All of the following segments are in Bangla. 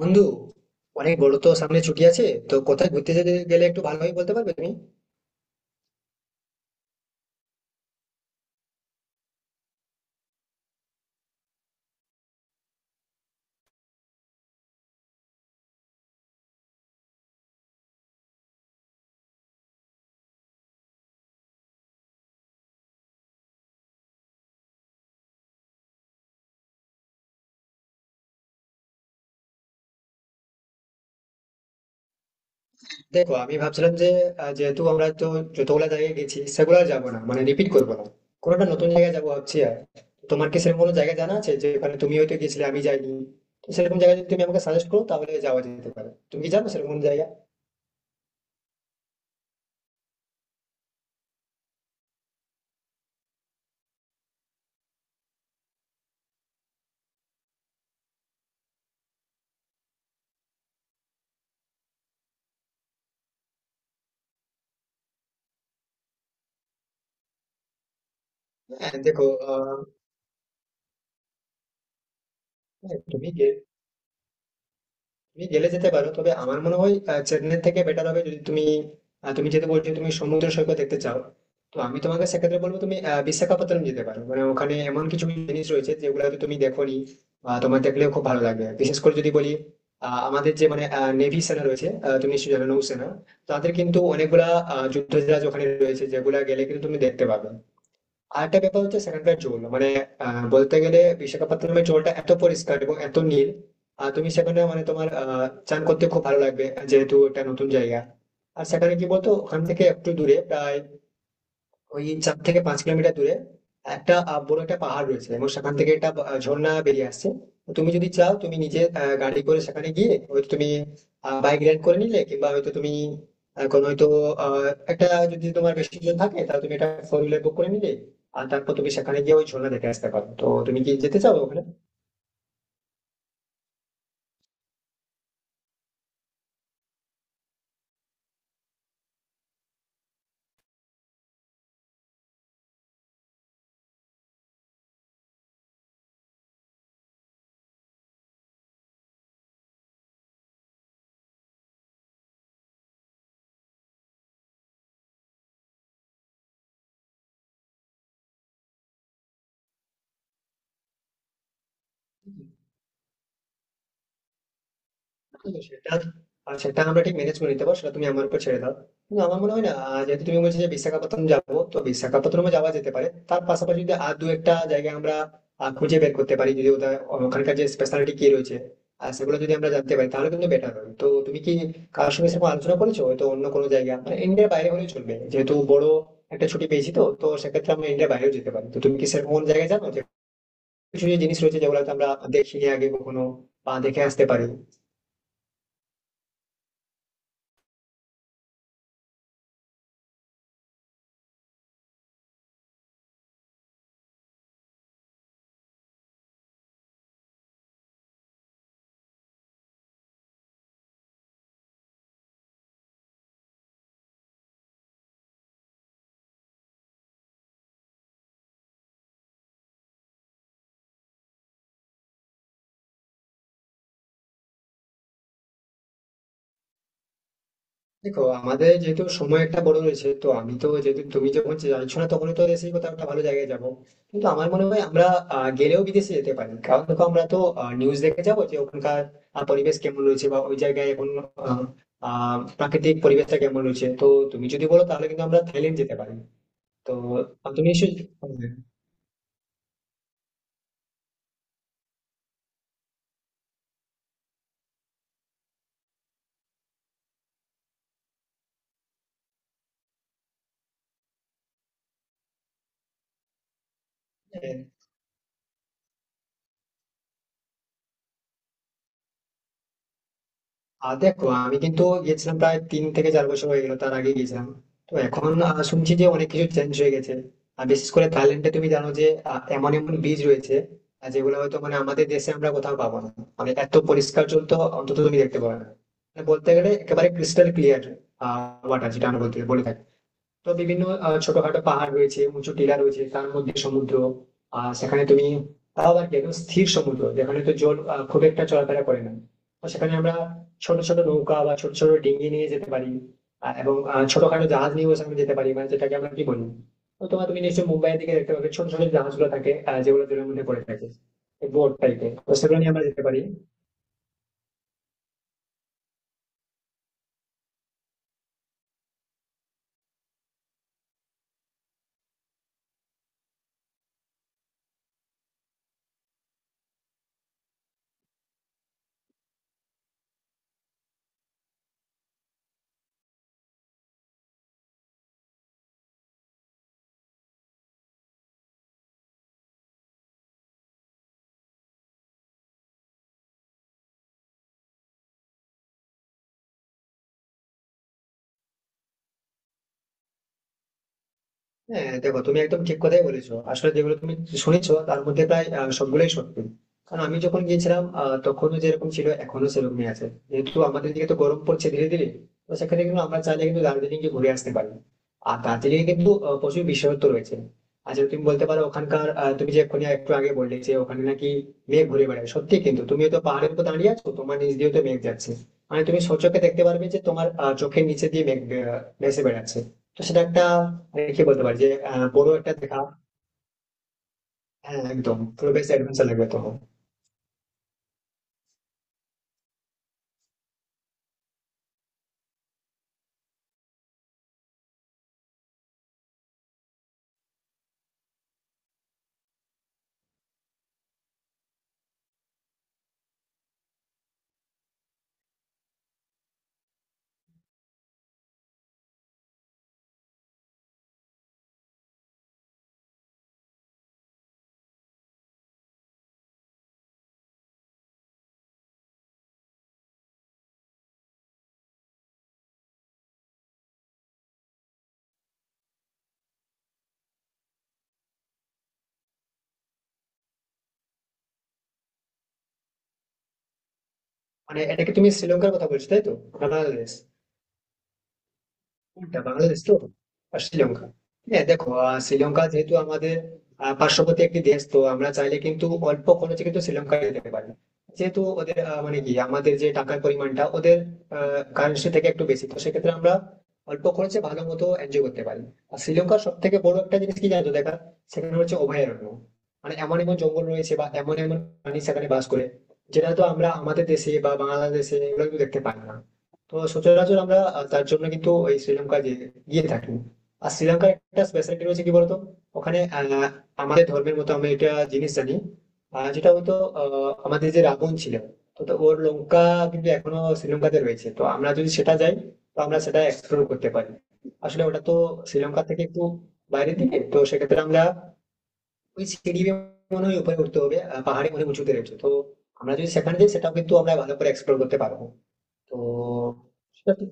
বন্ধু অনেক বড়, তো সামনে ছুটি আছে, তো কোথায় ঘুরতে যেতে গেলে একটু ভালোভাবে বলতে পারবে তুমি? দেখো, আমি ভাবছিলাম যে যেহেতু আমরা তো যতগুলা জায়গায় গেছি সেগুলো আর যাবো না, মানে রিপিট করবো না। কোনো একটা নতুন জায়গায় যাবো ভাবছি। আর তোমার কি সেরকম কোনো জায়গা জানা আছে যে ওখানে তুমি হয়তো গেছিলে আমি যাইনি? তো সেরকম জায়গা যদি তুমি আমাকে সাজেস্ট করো তাহলে যাওয়া যেতে পারে। তুমি কি জানো সেরকম কোনো জায়গা? হ্যাঁ দেখো। আহ হ্যাঁ, তুমি গে- তুমি জেলে যেতে পারো, তবে আমার মনে হয় চেন্নাই থেকে বেটার হবে। যদি তুমি তুমি যেতে বলছো, তুমি সমুদ্র সৈকত দেখতে চাও, তো আমি তোমাকে সেক্ষেত্রে বলবো তুমি বিশাখাপত্তনম যেতে পারো। মানে ওখানে এমন কিছু জিনিস রয়েছে যেগুলো হয়তো তুমি দেখোনি, বা তোমার দেখলেও খুব ভালো লাগবে। বিশেষ করে যদি বলি, আমাদের যে মানে নেভি সেনা রয়েছে, তুমি নিশ্চয়ই জানো নৌসেনা, তাদের কিন্তু অনেকগুলা যুদ্ধ জাহাজ ওখানে রয়েছে, যেগুলা গেলে কিন্তু তুমি দেখতে পাবে। আরেকটা ব্যাপার হচ্ছে সেখানকার জল মানে, বলতে গেলে বিশাখাপত্তনমের জলটা এত পরিষ্কার এবং এত নীল, আর তুমি সেখানে মানে তোমার চান করতে খুব ভালো লাগবে, যেহেতু এটা নতুন জায়গা। আর সেখানে কি বলতো, ওখান থেকে একটু দূরে প্রায় ওই 4 থেকে 5 কিলোমিটার দূরে একটা বড় একটা পাহাড় রয়েছে, এবং সেখান থেকে একটা ঝর্ণা বেরিয়ে আসছে। তো তুমি যদি চাও তুমি নিজে গাড়ি করে সেখানে গিয়ে হয়তো তুমি বাইক রেন্ট করে নিলে, কিংবা হয়তো তুমি আহ, কোনো হয়তো আহ, একটা যদি তোমার বেশি জন থাকে তাহলে তুমি একটা ফোর হুইলার বুক করে নিলে, আর তারপর তুমি সেখানে গিয়ে ওই ঝর্ণা দেখে আসতে পারো। তো তুমি কি যেতে চাও ওখানে? হুম, সেটা আর সেটা আমরা ঠিক ম্যানেজ করে নিতে পারবো, সেটা তুমি আমার উপর ছেড়ে দাও। কিন্তু আমার মনে হয় না, যেহেতু তুমি বলছো যে বিশাখাপত্তনম যাবো, তো বিশাখাপত্তনমে যাওয়া যেতে পারে। তার পাশাপাশি যদি আর দু একটা জায়গা আমরা খুঁজে বের করতে পারি, যদি ওদের ওখানকার যে স্পেশালিটি কি রয়েছে আর সেগুলো যদি আমরা জানতে পারি তাহলে কিন্তু বেটার হবে। তো তুমি কি কার সঙ্গে সেরকম আলোচনা করেছো? হয়তো অন্য কোনো জায়গা মানে ইন্ডিয়ার বাইরে হলেও চলবে, যেহেতু বড় একটা ছুটি পেয়েছি, তো তো সেক্ষেত্রে আমরা ইন্ডিয়ার বাইরেও যেতে পারি। তো তুমি কি সেরকম কোনো জায়গায় জানো, যে কিছু যে জিনিস রয়েছে যেগুলো হয়তো আমরা দেখিনি আগে কখনো, বা দেখে আসতে পারি? দেখো আমাদের যেহেতু সময় একটা বড় রয়েছে, তো আমি তো যেহেতু তুমি যখন চাইছো না, তখন তো দেশেই কোথাও একটা ভালো জায়গায় যাবো। কিন্তু আমার মনে হয় আমরা গেলেও বিদেশে যেতে পারি। কারণ দেখো আমরা তো নিউজ দেখে যাবো যে ওখানকার পরিবেশ কেমন রয়েছে, বা ওই জায়গায় এখন আহ, আহ, প্রাকৃতিক পরিবেশটা কেমন রয়েছে। তো তুমি যদি বলো তাহলে কিন্তু আমরা থাইল্যান্ড যেতে পারি। তো আহ, তুমি নিশ্চয়ই হ্যাঁ। আর দেখো, আমি কিন্তু গেছিলাম প্রায় 3 থেকে 4 বছর হয়ে গেল তার আগে গেছিলাম। তো এখন শুনছি যে অনেক কিছু চেঞ্জ হয়ে গেছে। আর বিশেষ করে থাইল্যান্ডে তুমি জানো যে এমন এমন বীজ রয়েছে যেগুলো হয়তো মানে আমাদের দেশে আমরা কোথাও পাবো না। মানে এত পরিষ্কার জল তো অন্তত তুমি দেখতে পাবে না, মানে বলতে গেলে একেবারে ক্রিস্টাল ক্লিয়ার ওয়াটার যেটা আমরা বলতে বলে থাকি। তো বিভিন্ন ছোটখাটো পাহাড় রয়েছে, উঁচু টিলা রয়েছে, তার মধ্যে সমুদ্র। আর সেখানে তুমি তাও আবার কি একদম স্থির সমুদ্র, যেখানে তো জল খুব একটা চলাফেরা করে না। তো সেখানে আমরা ছোট ছোট নৌকা বা ছোট ছোট ডিঙি নিয়ে যেতে পারি, এবং ছোটখাটো জাহাজ নিয়েও সেখানে যেতে পারি, মানে যেটাকে আমরা কি বলি। তো তোমার তুমি নিশ্চয়ই মুম্বাইয়ের দিকে দেখতে পাবে ছোট ছোট জাহাজগুলো থাকে যেগুলো জলের মধ্যে পড়ে থাকে, বোট টাইপের, তো সেগুলো নিয়ে আমরা যেতে পারি। হ্যাঁ দেখো, তুমি একদম ঠিক কথাই বলেছো। আসলে যেগুলো তুমি শুনেছো তার মধ্যে প্রায় সবগুলোই সত্যি। কারণ আমি যখন গিয়েছিলাম তখনও যেরকম ছিল এখনো সেরকমই আছে, যেহেতু আমাদের দিকে তো গরম পড়ছে ধীরে ধীরে। তো সেখানে কিন্তু আমরা চাইলে কিন্তু দার্জিলিং এ ঘুরে আসতে পারি। আর দার্জিলিং এ কিন্তু প্রচুর বিশেষত্ব রয়েছে। আর যেটা তুমি বলতে পারো ওখানকার, তুমি যে এক্ষুনি একটু আগে বললে যে ওখানে নাকি মেঘ ঘুরে বেড়ায়, সত্যি কিন্তু। তুমি তো পাহাড়ের উপর দাঁড়িয়ে আছো, তোমার নিচ দিয়ে তো মেঘ যাচ্ছে, মানে তুমি সচক্ষে দেখতে পারবে যে তোমার চোখের নিচে দিয়ে মেঘ ভেসে বেড়াচ্ছে। তো সেটা একটা রেখে বলতে পারি যে বড় একটা দেখা। হ্যাঁ একদম পুরো বেশ অ্যাডভেঞ্চার লাগবে তখন। মানে এটা কি তুমি শ্রীলঙ্কার কথা বলছো, তাই তো? না বাংলাদেশ? কোনটা, বাংলাদেশ তো আর শ্রীলঙ্কা? হ্যাঁ দেখো, শ্রীলঙ্কা যেহেতু আমাদের পার্শ্ববর্তী একটি দেশ, তো আমরা চাইলে কিন্তু অল্প খরচে কিন্তু শ্রীলঙ্কা যেতে পারি। যেহেতু ওদের মানে কি আমাদের যে টাকার পরিমাণটা ওদের কারেন্সি থেকে একটু বেশি, তো সেক্ষেত্রে আমরা অল্প খরচে ভালো মতো এনজয় করতে পারি। আর শ্রীলঙ্কার সব থেকে বড় একটা জিনিস কি জানো দেখা, সেখানে হচ্ছে অভয়ারণ্য। মানে এমন এমন জঙ্গল রয়েছে বা এমন এমন প্রাণী সেখানে বাস করে যেটা তো আমরা আমাদের দেশে বা বাংলাদেশে এগুলো কিন্তু দেখতে পাই না। তো সচরাচর আমরা তার জন্য কিন্তু ওই শ্রীলঙ্কা গিয়ে গিয়ে থাকি। আর শ্রীলঙ্কার একটা স্পেশালিটি রয়েছে কি বলতো, ওখানে আমাদের ধর্মের মতো আমি একটা জিনিস জানি, আহ, যেটা হয়তো আহ, আমাদের যে রাবণ ছিল, তো তো ওর লঙ্কা কিন্তু এখনো শ্রীলঙ্কাতে রয়েছে। তো আমরা যদি সেটা যাই তো আমরা সেটা এক্সপ্লোর করতে পারি। আসলে ওটা তো শ্রীলঙ্কা থেকে একটু বাইরের দিকে, তো সেক্ষেত্রে আমরা ওই সিঁড়ি বেয়ে মনে হয় উপরে উঠতে হবে, পাহাড়ে মনে হয় উঁচুতে রয়েছে। তো আমরা যদি সেখানে যাই সেটাও কিন্তু আমরা ভালো করে এক্সপ্লোর করতে পারবো। তো সেটা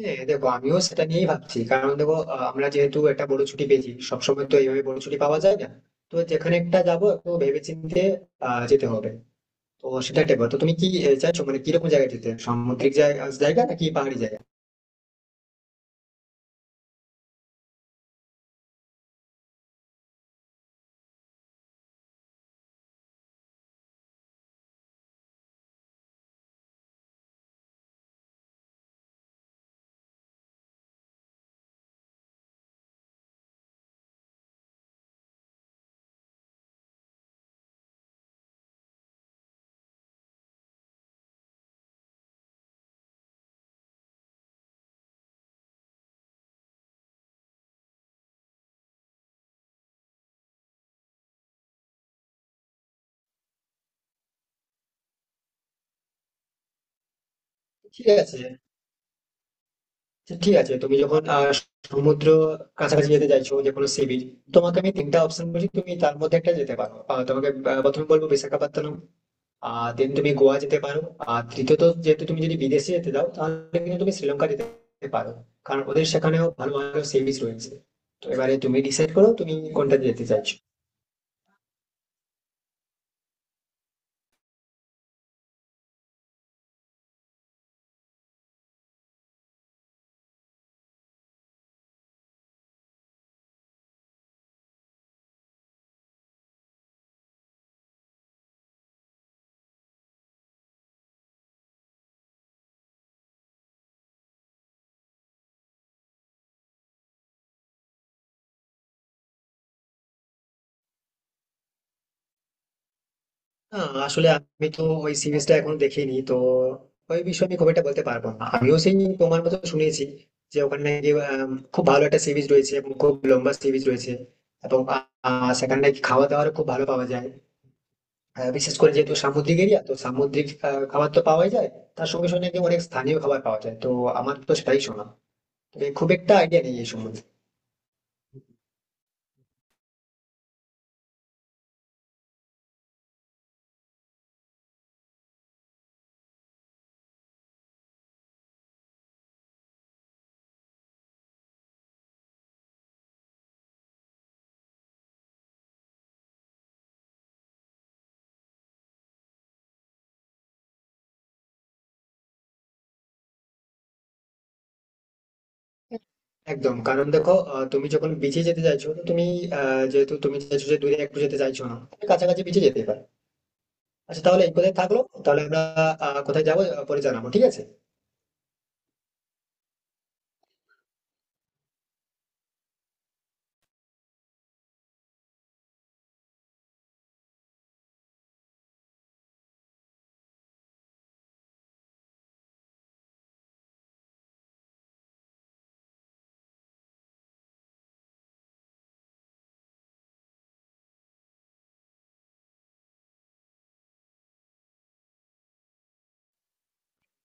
হ্যাঁ দেখো, আমিও সেটা নিয়েই ভাবছি। কারণ দেখো আমরা যেহেতু একটা বড় ছুটি পেয়েছি, সবসময় তো এইভাবে বড় ছুটি পাওয়া যায় না। তো যেখানে একটা যাবো একটু ভেবেচিন্তে যেতে হবে, তো সেটা একটা ব্যাপার। তো তুমি কি চাইছো, মানে কিরকম জায়গায় যেতে, সামুদ্রিক জায়গা জায়গা নাকি পাহাড়ি জায়গা? ঠিক আছে, তো ঠিক আছে তুমি যখন সমুদ্র কাছাকাছি যেতে চাইছো, যে কোনো সি বিচ, তোমাকে আমি তিনটা অপশন বলছি, তুমি তার মধ্যে একটা যেতে পারো। তোমাকে প্রথমে বলবো বিশাখাপত্তনম। দেন তুমি গোয়া যেতে পারো। আর তৃতীয়ত, যেহেতু তুমি যদি বিদেশে যেতে দাও তাহলে কিন্তু তুমি শ্রীলঙ্কা যেতে পারো, কারণ ওদের সেখানেও ভালো ভালো সি বিচ রয়েছে। তো এবারে তুমি ডিসাইড করো তুমি কোনটা যেতে চাইছো। না, আসলে আমি তো ওই সি বিচটা এখনো দেখিনি, তো ওই বিষয়ে আমি খুব একটা বলতে পারবো না। আমিও সেই তোমার মতো শুনেছি যে ওখানে নাকি খুব ভালো একটা সি বিচ রয়েছে এবং খুব লম্বা সি বিচ রয়েছে, এবং সেখানে নাকি খাওয়া দাওয়ার খুব ভালো পাওয়া যায়। বিশেষ করে যেহেতু সামুদ্রিক এরিয়া, তো সামুদ্রিক খাবার তো পাওয়াই যায়, তার সঙ্গে সঙ্গে নাকি অনেক স্থানীয় খাবার পাওয়া যায়। তো আমার তো সেটাই শোনা, তবে খুব একটা আইডিয়া নেই এই সম্বন্ধে। একদম। কারণ দেখো তুমি যখন বিচে যেতে চাইছো, তো তুমি যেহেতু তুমি চাইছো যে দূরে একটু যেতে চাইছো না, তুমি কাছাকাছি বিচে যেতে পারো। আচ্ছা, তাহলে এই কথাই থাকলো। তাহলে আমরা কোথায় যাবো পরে জানাবো, ঠিক আছে?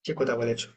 ঠিক কথা বলেছো।